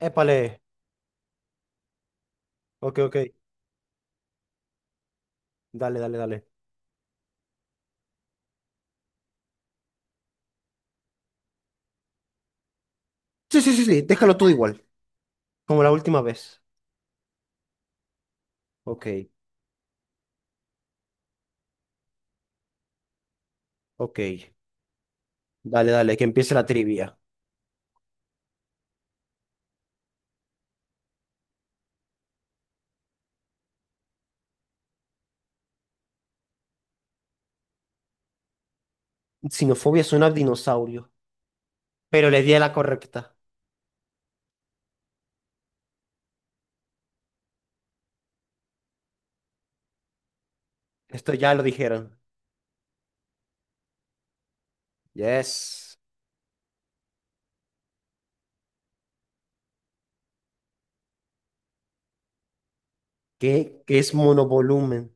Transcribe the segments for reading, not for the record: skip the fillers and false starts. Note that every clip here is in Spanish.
Épale. Ok, ok. Dale, dale, dale. Sí, sí, sí, sí, déjalo todo igual. Como la última vez. Ok, ok. Dale, dale, que empiece la trivia. Sinofobia suena a dinosaurio, pero le di a la correcta. Esto ya lo dijeron. Yes. ¿Qué es monovolumen?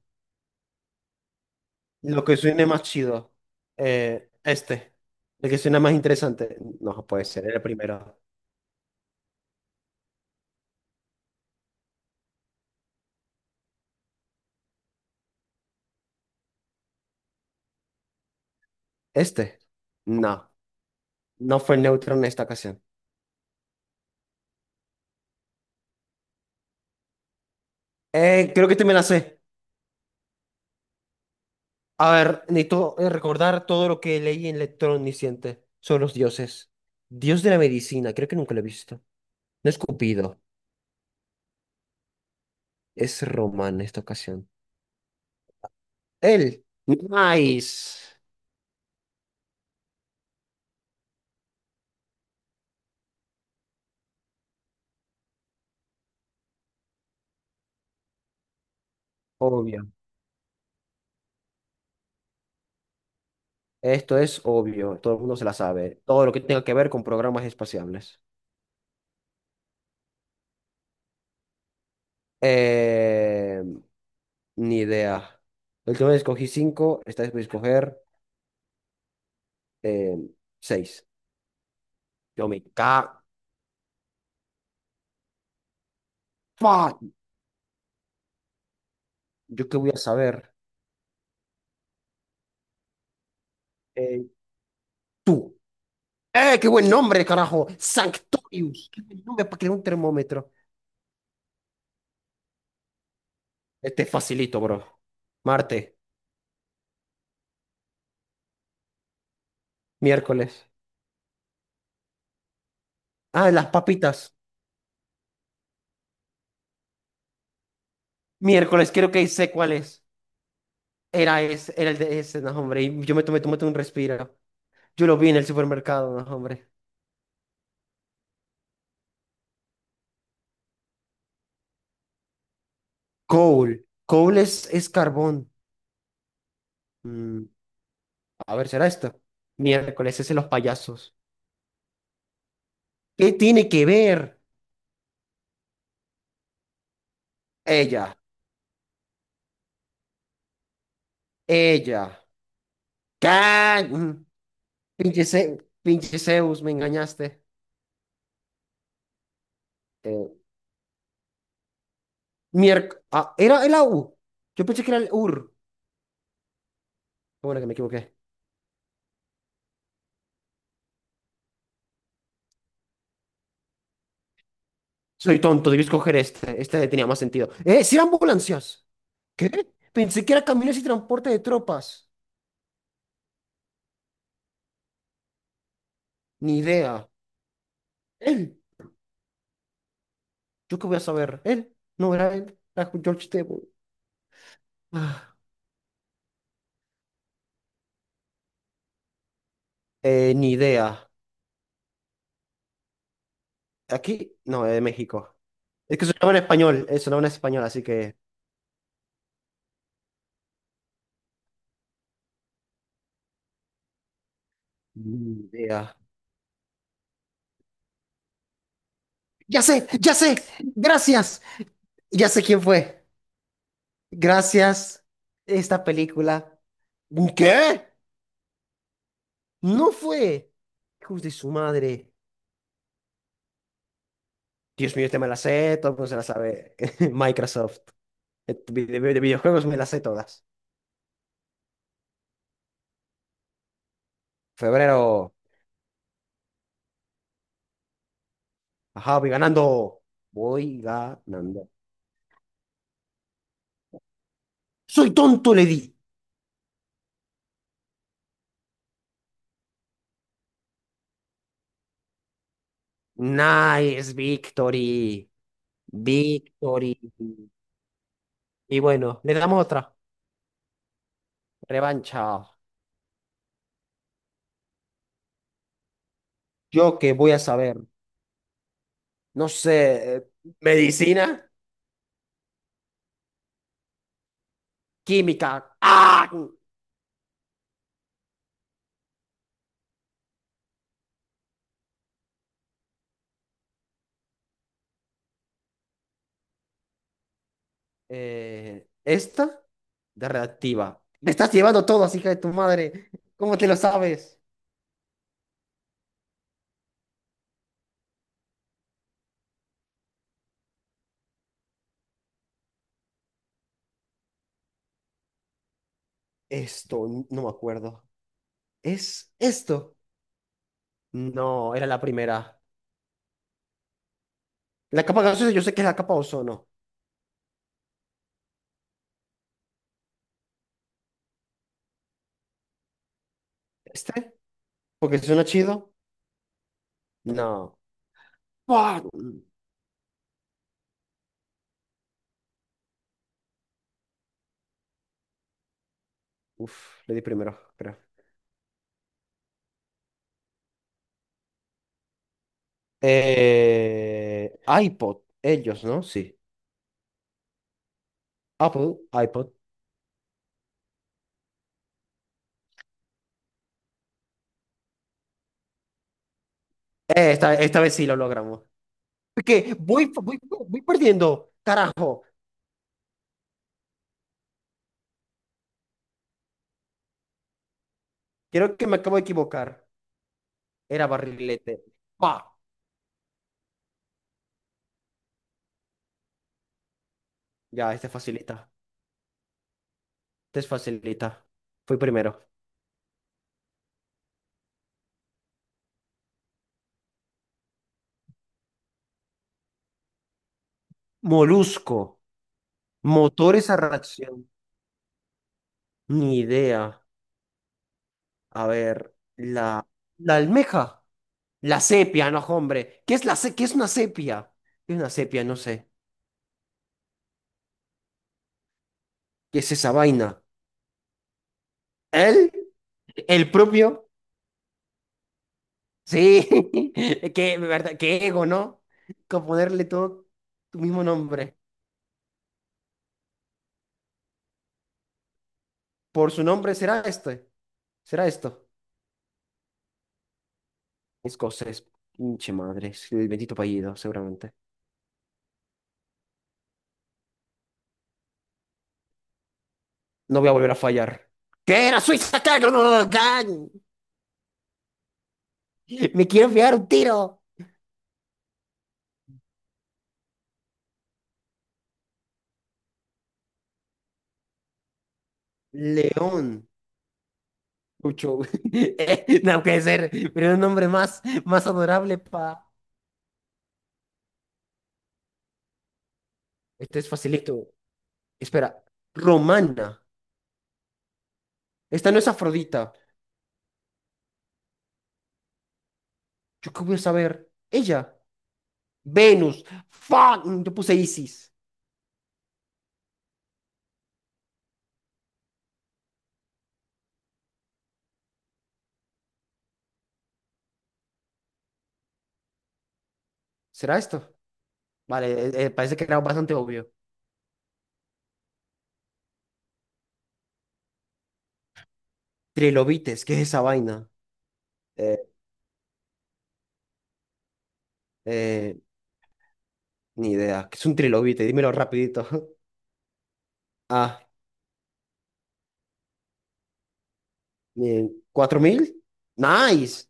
Lo que suene más chido. Este. El que suena más interesante. No, puede ser el primero. Este. No. No fue neutro en esta ocasión. Creo que te me la sé. A ver, necesito recordar todo lo que leí en Lector Omnisciente sobre los dioses. Dios de la medicina, creo que nunca lo he visto. No es Cupido, es Román en esta ocasión. Él. Nice. Obvio. Esto es obvio, todo el mundo se la sabe. Todo lo que tenga que ver con programas espaciales. Eh, Ni idea. La última vez escogí cinco, esta vez voy a escoger eh, seis. Yo me cago. ¿Yo qué voy a saber? Eh, Tú. ¡Eh, qué buen nombre, carajo! Sanctorius. ¡Qué buen nombre para crear un termómetro! Este es facilito, bro. Marte, miércoles. Ah, las papitas. Miércoles, creo que sé cuál es. Era ese, era el de ese, no, hombre. Y yo me tomé un respiro. Yo lo vi en el supermercado, no, hombre. Coal. Coal es carbón. Mm, a ver, ¿será esta? Miércoles, ese es de los payasos. ¿Qué tiene que ver? Ella, ella. ¿Qué? Mm, Pinche, Ze- Pinche Zeus, me engañaste. Eh, ah, era el AU. Yo pensé que era el UR. Qué bueno, que me equivoqué. Soy tonto, debí escoger este. Este tenía más sentido. ¡Eh, sí eran ambulancias! ¿Qué? Pensé que era camiones y transporte de tropas. Ni idea. Él, ¿yo qué voy a saber? Él, no era él, era George Tebow. Ah, ni idea. Aquí, no, es de México. Es que sonaba en español, así que... Mm, ya. Ya sé, gracias. Ya sé quién fue. Gracias, esta película. ¿Qué? No fue. Hijos de su madre. Dios mío, este me la sé, todo el mundo se la sabe. Microsoft. Eh, de videojuegos me las sé todas. Febrero. Ajá, voy ganando. Voy ganando. Soy tonto, le di. Nice victory. Victory. Y bueno, le damos otra. Revancha. Yo que voy a saber. No sé. Medicina, química. ¡Ah! Esta de reactiva. Me estás llevando todo, hija de tu madre. ¿Cómo te lo sabes? Esto, no me acuerdo. ¿Es esto? No, era la primera. La capa gaseosa, yo sé que es la capa ozono. ¿Este? Porque suena chido. No. Fuck. Uf, le di primero, creo. IPod, ellos, ¿no? Sí. Apple, iPod. Esta, esta vez sí lo logramos. Porque voy perdiendo. Carajo. Creo que me acabo de equivocar. Era barrilete. Pa. Ya, este facilita. Este es facilita. Fui primero. Molusco. Motores a reacción. Ni idea. A ver. La almeja. La sepia, no, hombre. ¿Qué es qué es una sepia? ¿Qué es una sepia? No sé. ¿Qué es esa vaina? ¿Él? El propio, sí, qué, verdad, qué ego, ¿no? Con ponerle todo tu mismo nombre. Por su nombre será este, será esto. Escocés, pinche madre, es el bendito apellido, seguramente. No voy a volver a fallar. ¿Qué era Suiza? ¿Qué? No, no, no, no, can. Me quiero pegar un tiro. León, Pucho. No puede ser, pero era un nombre más, más adorable pa. Este es facilito. Espera, Romana. Esta no es Afrodita. ¿Yo qué voy a saber? Ella, Venus, ¡fan! Yo puse Isis. ¿Será esto? Vale, parece que era bastante obvio. Trilobites, ¿qué es esa vaina? Eh, eh, Ni idea. ¿Qué es un trilobite? Dímelo rapidito. Ah, bien. ¿4,000? Nice.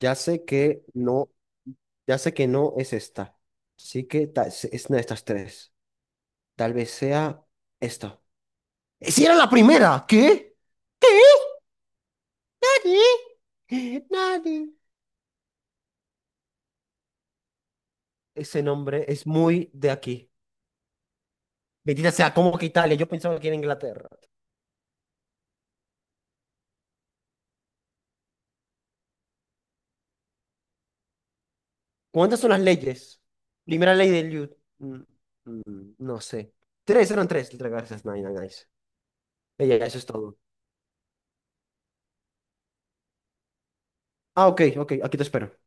Ya sé que no, ya sé que no es esta. Sí que es una de estas tres. Tal vez sea esta. ¡Si era la primera! ¿Qué? ¿Qué? Nadie. Ese nombre es muy de aquí. Bendita sea, ¿cómo que Italia? Yo pensaba que era Inglaterra. ¿Cuántas son las leyes? Primera ley del... mm, no sé. Tres, eran tres. Gracias, nine, nine, nice. Ella, eso es todo. Ah, ok, ok, aquí te espero.